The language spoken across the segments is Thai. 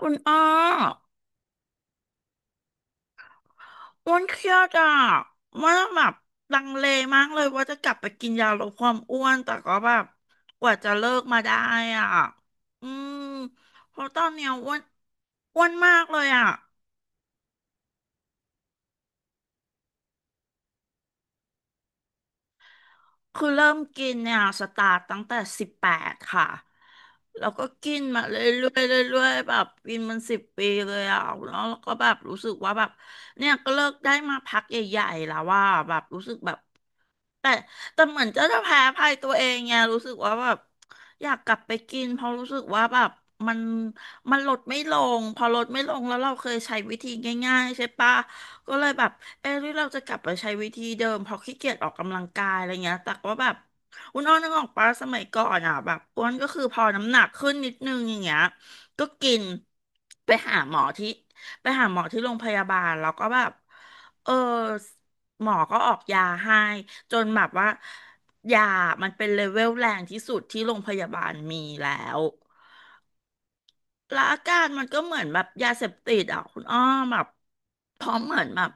คุณอ้ออ้วนเครียดอ่ะว่าแบบลังเลมากเลยว่าจะกลับไปกินยาลดความอ้วนแต่ก็แบบกว่าจะเลิกมาได้อ่ะอืมเพราะตอนเนี้ยอ้วนอ้วนมากเลยอ่ะคือเริ่มกินเนี่ยสตาร์ตตั้งแต่18ค่ะแล้วก็กินมาเรื่อยๆเรื่อยๆแบบกินมัน10 ปีเลยอ่ะแล้วก็แบบรู้สึกว่าแบบเนี่ยก็เลิกได้มาพักใหญ่ๆแล้วว่าแบบรู้สึกแบบ แต่แต่เหมือนเจะจะแพ้ภัยตัวเองไงรู้สึกว่าแบบอยากกลับไปกินเพราะรู้สึกว่าแบบมันมันลดไม่ลงพอลดไม่ลงแล้วเราเคยใช้วิธีง่ายๆใช่ปะก็เลยแบบเออหรือเราจะกลับไปใช้วิธีเดิมเพราะขี้เกียจออกกำลังกายอะไรเงี้ยแต่ว่าแบบอุนอ้อนนึกออกปะสมัยก่อนอ่ะแบบอ้วนก็คือพอน้ำหนักขึ้นนิดนึงอย่างเงี้ยก็กินไปหาหมอที่ไปหาหมอที่โรงพยาบาลแล้วก็แบบเออหมอก็ออกยาให้ จนแบบว่ายามันเป็นเลเวลแรงที่สุดที่โรงพยาบาลมีแล้วแล้วอาการมันก็เหมือนแบบยาเสพติดอ่ะคุณอ้อมแบบพร้อมเหมือนแบบ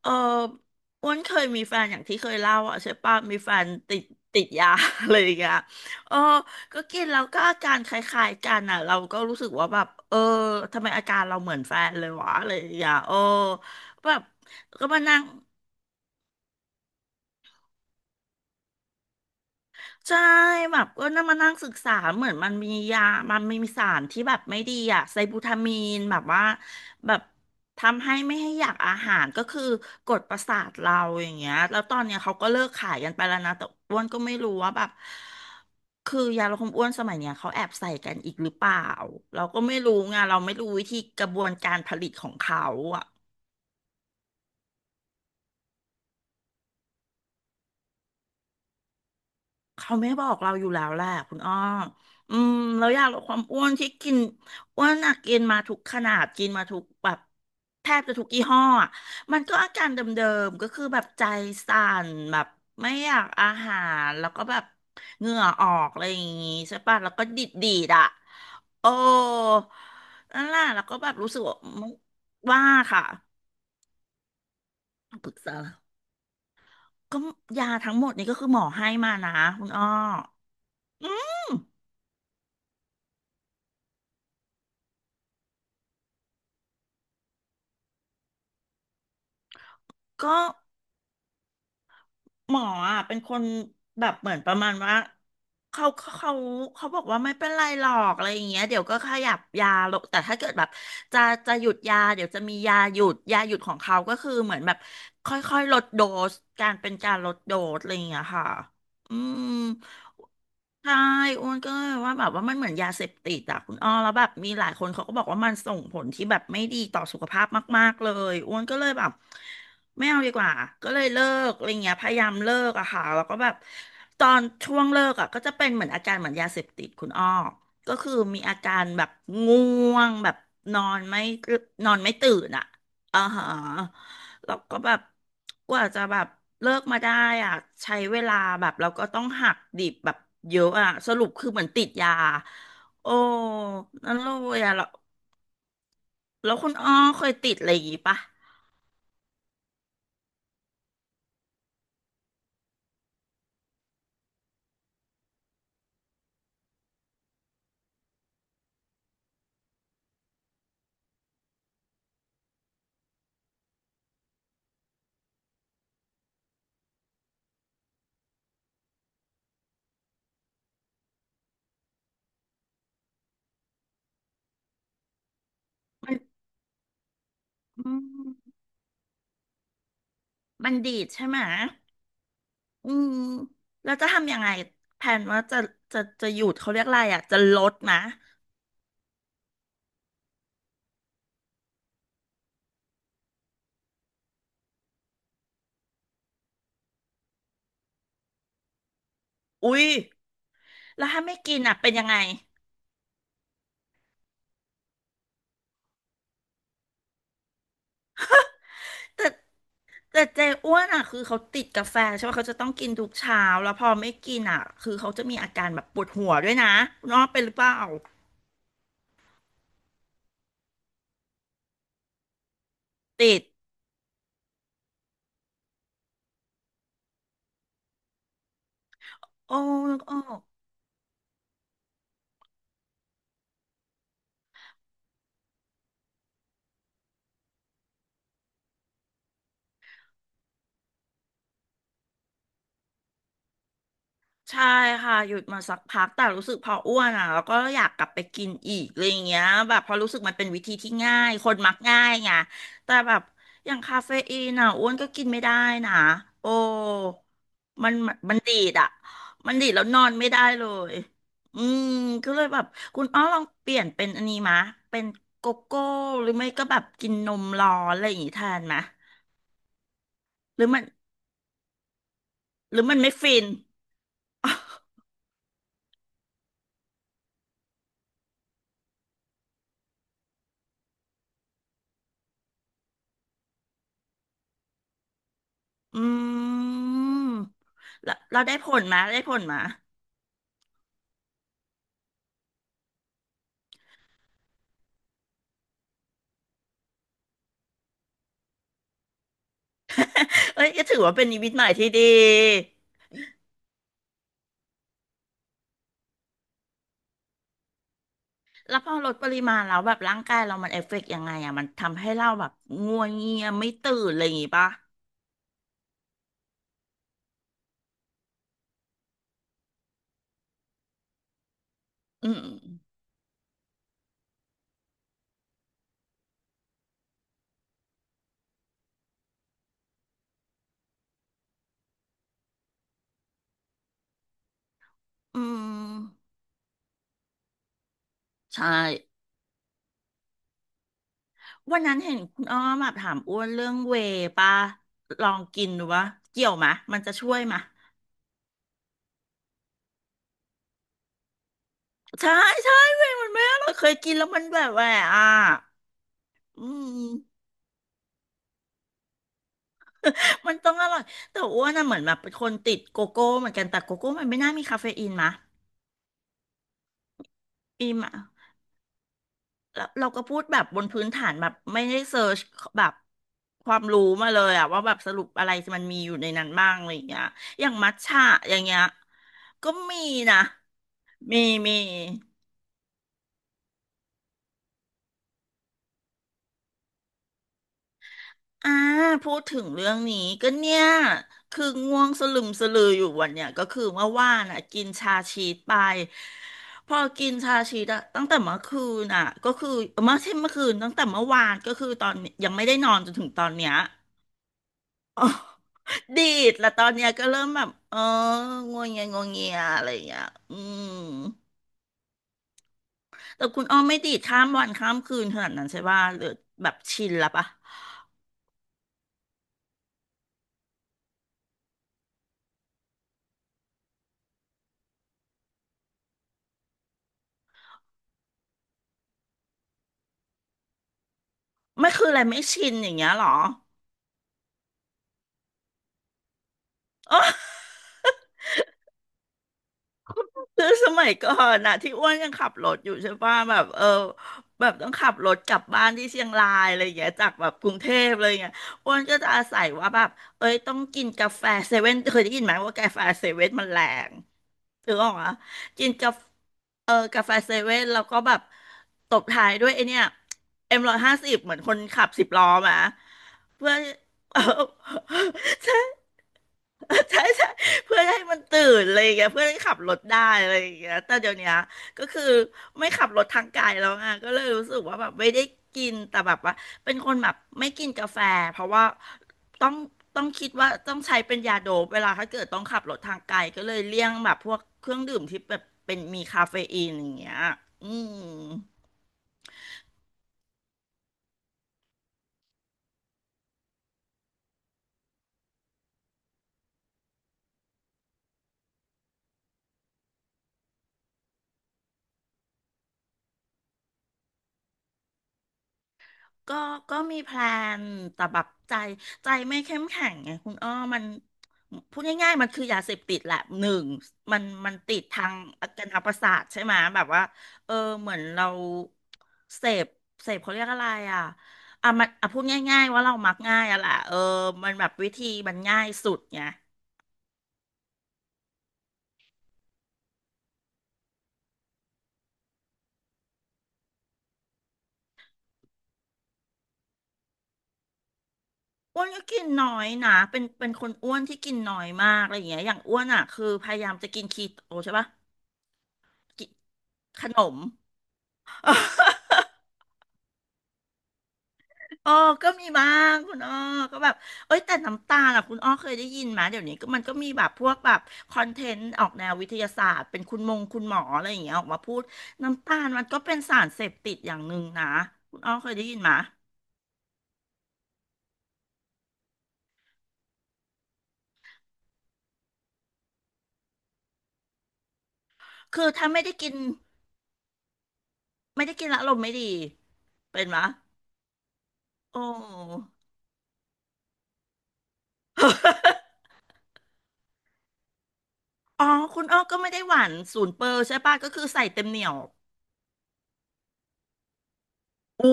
เอออ้วนเคยมีแฟนอย่างที่เคยเล่าอ่ะใช่ปะมีแฟนติดยา อะไรอย่างเงี้ยเออก็กินแล้วก็อาการคล้ายๆกันอ่ะเราก็รู้สึกว่าแบบเออทำไมอาการเราเหมือนแฟนเลยวะอะไรอย่างเงี้ยเออแบบก็มานั่ง ใช่แบบก็นั่งมานั่งศึกษาเหมือนมันมียามันมีสารที่แบบไม่ดีอะไซบูทามีนแบบว่าแบบทำให้ไม่ให้อยากอาหารก็คือกดประสาทเราอย่างเงี้ยแล้วตอนเนี้ยเขาก็เลิกขายกันไปแล้วนะแต่อ้วนก็ไม่รู้ว่าแบบคือยาลดความอ้วนสมัยเนี้ยเขาแอบใส่กันอีกหรือเปล่าเราก็ไม่รู้ไงเราไม่รู้วิธีกระบวนการผลิตของเขา เขาไม่บอกเราอยู่แล้วแหละคุณอ้ออืมแล้วยาลดความอ้วนที่กินอ้วนอะกินมาทุกขนาดกินมาทุกแบบแทบจะทุกยี่ห้ออะมันก็อาการเดิมๆก็คือแบบใจสั่นแบบไม่อยากอาหารแล้วก็แบบเหงื่อออกอะไรอย่างงี้ใช่ปะแล้วก็ดิดดีดอ่ะโอ้นั่นแหละแล้วก็แบบรู้สึกว่าว่าค่ะปรึกษาก็ยาทั้งหมดนี้ก็คือหมอให้มานะคุณอ้ออืมก็ หมออ่ะเป็นคนแบบเหมือนประมาณว่าเขาเขาบอกว่าไม่เป็นไรหรอกอะไรอย่างเงี้ยเดี๋ยวก็ขยับยาลงแต่ถ้าเกิดแบบจะจะหยุดยาเดี๋ยวจะมียาหยุดยาหยุดของเขาก็คือเหมือนแบบค่อยๆลดโดสการเป็นการลดโดสอะไรอย่างเงี้ยค่ะอืมใช่อ้วนก็ยว่าแบบว่ามันเหมือนยาเสพติดอะคุณอ้อแล้วแบบมีหลายคนเขาก็บอกว่ามันส่งผลที่แบบไม่ดีต่อสุขภาพมากๆเลยอ้วนก็เลยแบบ ไม่เอาดีกว่าก็เลยเลิกอะไรเงี้ยพยายามเลิกอะค่ะแล้วก็แบบตอนช่วงเลิกอะก็จะเป็นเหมือนอาการเหมือนยาเสพติดคุณอ้อก็คือมีอาการแบบง่วงแบบนอนไม่นอนไม่ตื่นอะอ่าฮะแล้วก็แบบกว่าจะแบบเลิกมาได้อะใช้เวลาแบบเราก็ต้องหักดิบแบบเยอะอะสรุปคือเหมือนติดยาโอ้นั่นเลยอะแล้วแล้วคุณอ้อเคยติดอะไรอย่างงี้ปะมันอืม บัณฑิตใช่ไหมอืมแล้วจะทำยังไงแผนว่าจะจะหยุดเขาเรียกอะไรอ่ะจะลดนะอุ้ยแล้วถ้าไม่กินอ่ะเป็นยังไง แต่แต่อ้วนอ่ะคือเขาติดกาแฟใช่ไหม เขาจะต้องกินทุกเช้าแล้วพอไม่กินอ่ะคือเขาจะมีอาการแบบปวดหัวด้วยนะน้องเป็นหรือเปล่า ติดโอ้นึกออก ใช่ค่ะหยุดมาสักพักแต่รู้สึกพออ้วนอ่ะแล้วก็อยากกลับไปกินอีกอะไรอย่างเงี้ยแบบพอรู้สึกมันเป็นวิธีที่ง่ายคนมักง่ายไงแต่แบบอย่างคาเฟอีนอ่ะอ้วนก็กินไม่ได้นะโอ้มันดีดอ่ะมันดีดแล้วนอนไม่ได้เลยอืมก็เลยแบบคุณอ้อลองเปลี่ยนเป็นอันนี้มะเป็นโกโก้หรือไม่ก็แบบกินนมร้อนอะไรอย่างงี้แทนมะหรือมันหรือมันไม่ฟิน อืมแล้วเราได้ผลมาได้ผลมา เอ้ยก็ถือว่าเป็นนิมิตใหม่ที่ดีแล้วพอลดปริมาณแล้วแบบร่างกายเรามันเอฟเฟกต์ยังไงอ่ะมันทำให้เราแบบงัวเงียไม่ตื่นอะไรอย่างงี้ป่ะอืมอืมใช่วันนั้นเห็นคุณอ้อมแบบถามอ้วนเรื่องเวย์ป่ะลองกินดูวะเกี่ยวมะมันจะช่วยมะใช่ใช่เวย์มันไม่อร่อยเคยกินแล้วมันแบบแหวะอ่ะอืม มันต้องอร่อยแต่อ้วนน่ะเหมือนแบบเป็นคนติดโกโก้เหมือนกันแต่โกโก้มันไม่น่ามีคาเฟอีนมะอีมอะแล้วเราก็พูดแบบบนพื้นฐานแบบไม่ได้เซิร์ชแบบความรู้มาเลยอะว่าแบบสรุปอะไรมันมีอยู่ในนั้นบ้างอะไรอย่างเงี้ยอย่างมัทฉะอย่างเงี้ยก็มีนะมีมี อ่าพูดถึงเรื่องนี้ก็เนี่ยคือง่วงสลึมสลืออยู่วันเนี่ยก็คือเมื่อว่านอ่ะกินชาชีสไปพอกินชาชีสอะตั้งแต่เมื่อคืนอ่ะก็คือเมื่อใช่เมื่อคืนตั้งแต่เมื่อวานก็คือตอนนี้ยังไม่ได้นอนจนถึงตอนเนี้ย อ๋อดีดแล้วตอนเนี้ยก็เริ่มแบบเอองวงเงียงวงเงียอะไรอย่างเงี้ยอืมแต่คุณอ้อมไม่ดีดข้ามวันข้ามคืนขนาดนั้นใช่ป่ะหรือแบบชินแล้วป่ะไม่คืออะไรไม่ชินอย่างเงี้ยเหรอ คือสมัยก่อนน่ะที่อ้วนยังขับรถอยู่ใช่ป่ะแบบเออแบบต้องขับรถกลับบ้านที่เชียงรายอะไรอย่างเงี้ยจากแบบกรุงเทพเลยางเงี้ยอ้วนก็จะอาศัยว่าแบบเอ้ยต้องกินกาแฟเซเว่นเคยได้ยินไหมว่ากาแฟเซเว่นมันแรงถือออกอ่ะกินกาแฟเออกาแฟเซเว่นแล้วก็แบบตบท้ายด้วยไอเนี้ยM150เหมือนคนขับสิบล้อมาเพื่อ ใช่ ใช่ใช่เพื่อให้มันตื่นอะไรอย่างเงี้ยเพื่อให้ขับรถได้อะไรอย่างเงี้ยแต่เดี๋ยวเนี้ยก็คือไม่ขับรถทางไกลแล้วไงก็เลยรู้สึกว่าแบบไม่ได้กินแต่แบบว่าเป็นคนแบบไม่กินกาแฟเพราะว่าต้องต้องคิดว่าต้องใช้เป็นยาโดปเวลาถ้าเกิดต้องขับรถทางไกลก็เลยเลี่ยงแบบพวกเครื่องดื่มที่แบบเป็นมีคาเฟอีนอย่างเงี้ยอืม ก็ก็มีแพลนแต่แบบใจไม่เข้มแข็งไงคุณอ้อมัน พูดง่ายๆมันคือยาเสพติดแหละ หนึ่ง มันติดทางอาการทางประสาทใช่ไหม แบบว่า เออ เหมือนเราเสพเสพเขาเรียกอะไรอ่ะมันพูดง่ายๆว่าเรามักง่ายอ่ะแหละเออมันแบบวิธีมันง่ายสุดไงอ้วนก็กินน้อยนะ เป็นคนอ้วนที่กินน้อยมากอะไรอย่างเงี้ยอย่างอ้วนอ่ะคือพยายามจะกินคีโตใช่ปะกินขนม เอ้อก็มีบ้างคุณอ้อก็แบบเอ้ยแต่น้ำตาลอ่ะคุณอ้อเคยได้ยินไหมเดี๋ยวนี้ก็มันก็มีแบบพวกแบบคอนเทนต์ออกแนววิทยาศาสตร์เป็นคุณมงคุณหมออะไรอย่างเงี้ยออกมาพูดน้ำตาลมันก็เป็นสารเสพติดอย่างหนึ่งนะคุณอ้อเคยได้ยินไหมคือถ้าไม่ได้กินและอารมณ์ไม่ดีเป็นไหมโอ้ อ๋อคุณอ้อก็ไม่ได้หวานศูนย์เปอร์ใช่ป่ะก็คือใส่เต็มเหนียวอู้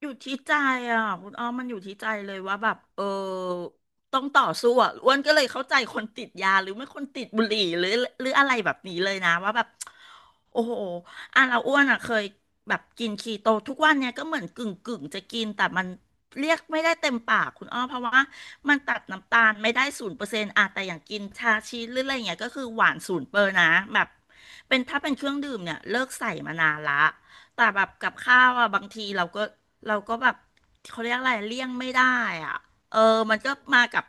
อยู่ที่ใจอ่ะคุณอ้อมมันอยู่ที่ใจเลยว่าแบบเออต้องต่อสู้อ่ะอ้วนก็เลยเข้าใจคนติดยาหรือไม่คนติดบุหรี่หรืออะไรแบบนี้เลยนะว่าแบบโอ้โหอ่ะเราอ้วนอ่ะเคยแบบกินคีโตทุกวันเนี่ยก็เหมือนกึ่งกึ่งจะกินแต่มันเรียกไม่ได้เต็มปากคุณอ้อเพราะว่ามันตัดน้ำตาลไม่ได้0%อะแต่อย่างกินชาชีสหรืออะไรอย่างเงี้ยก็คือหวานศูนย์เปอร์นะแบบเป็นถ้าเป็นเครื่องดื่มเนี่ยเลิกใส่มานานละ แต่แบบกับข้าวอ่ะบางทีเราก็แบบเขาเรียกอะไรเลี่ยงไม่ได้อ่ะเออมันก็มากับ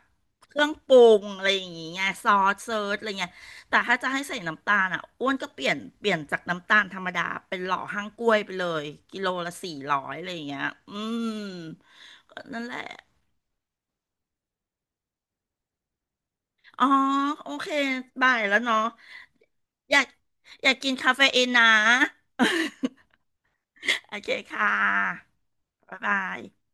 เครื่องปรุงอะไรอย่างงี้ไงซอสเซิร์ชอะไรเงี้ยแต่ถ้าจะให้ใส่น้ำตาลอ่ะอ้วนก็เปลี่ยนจากน้ำตาลธรรมดาเป็นหล่อห้างกล้วยไปเลยกิโลละ400อะไรอย่างเงี้ยอืมก็นั่นแหละอ๋อโอเคบ่ายแล้วเนาะอยากอยากกินคาเฟอีนนะ โอเคค่ะบ๊ายบาย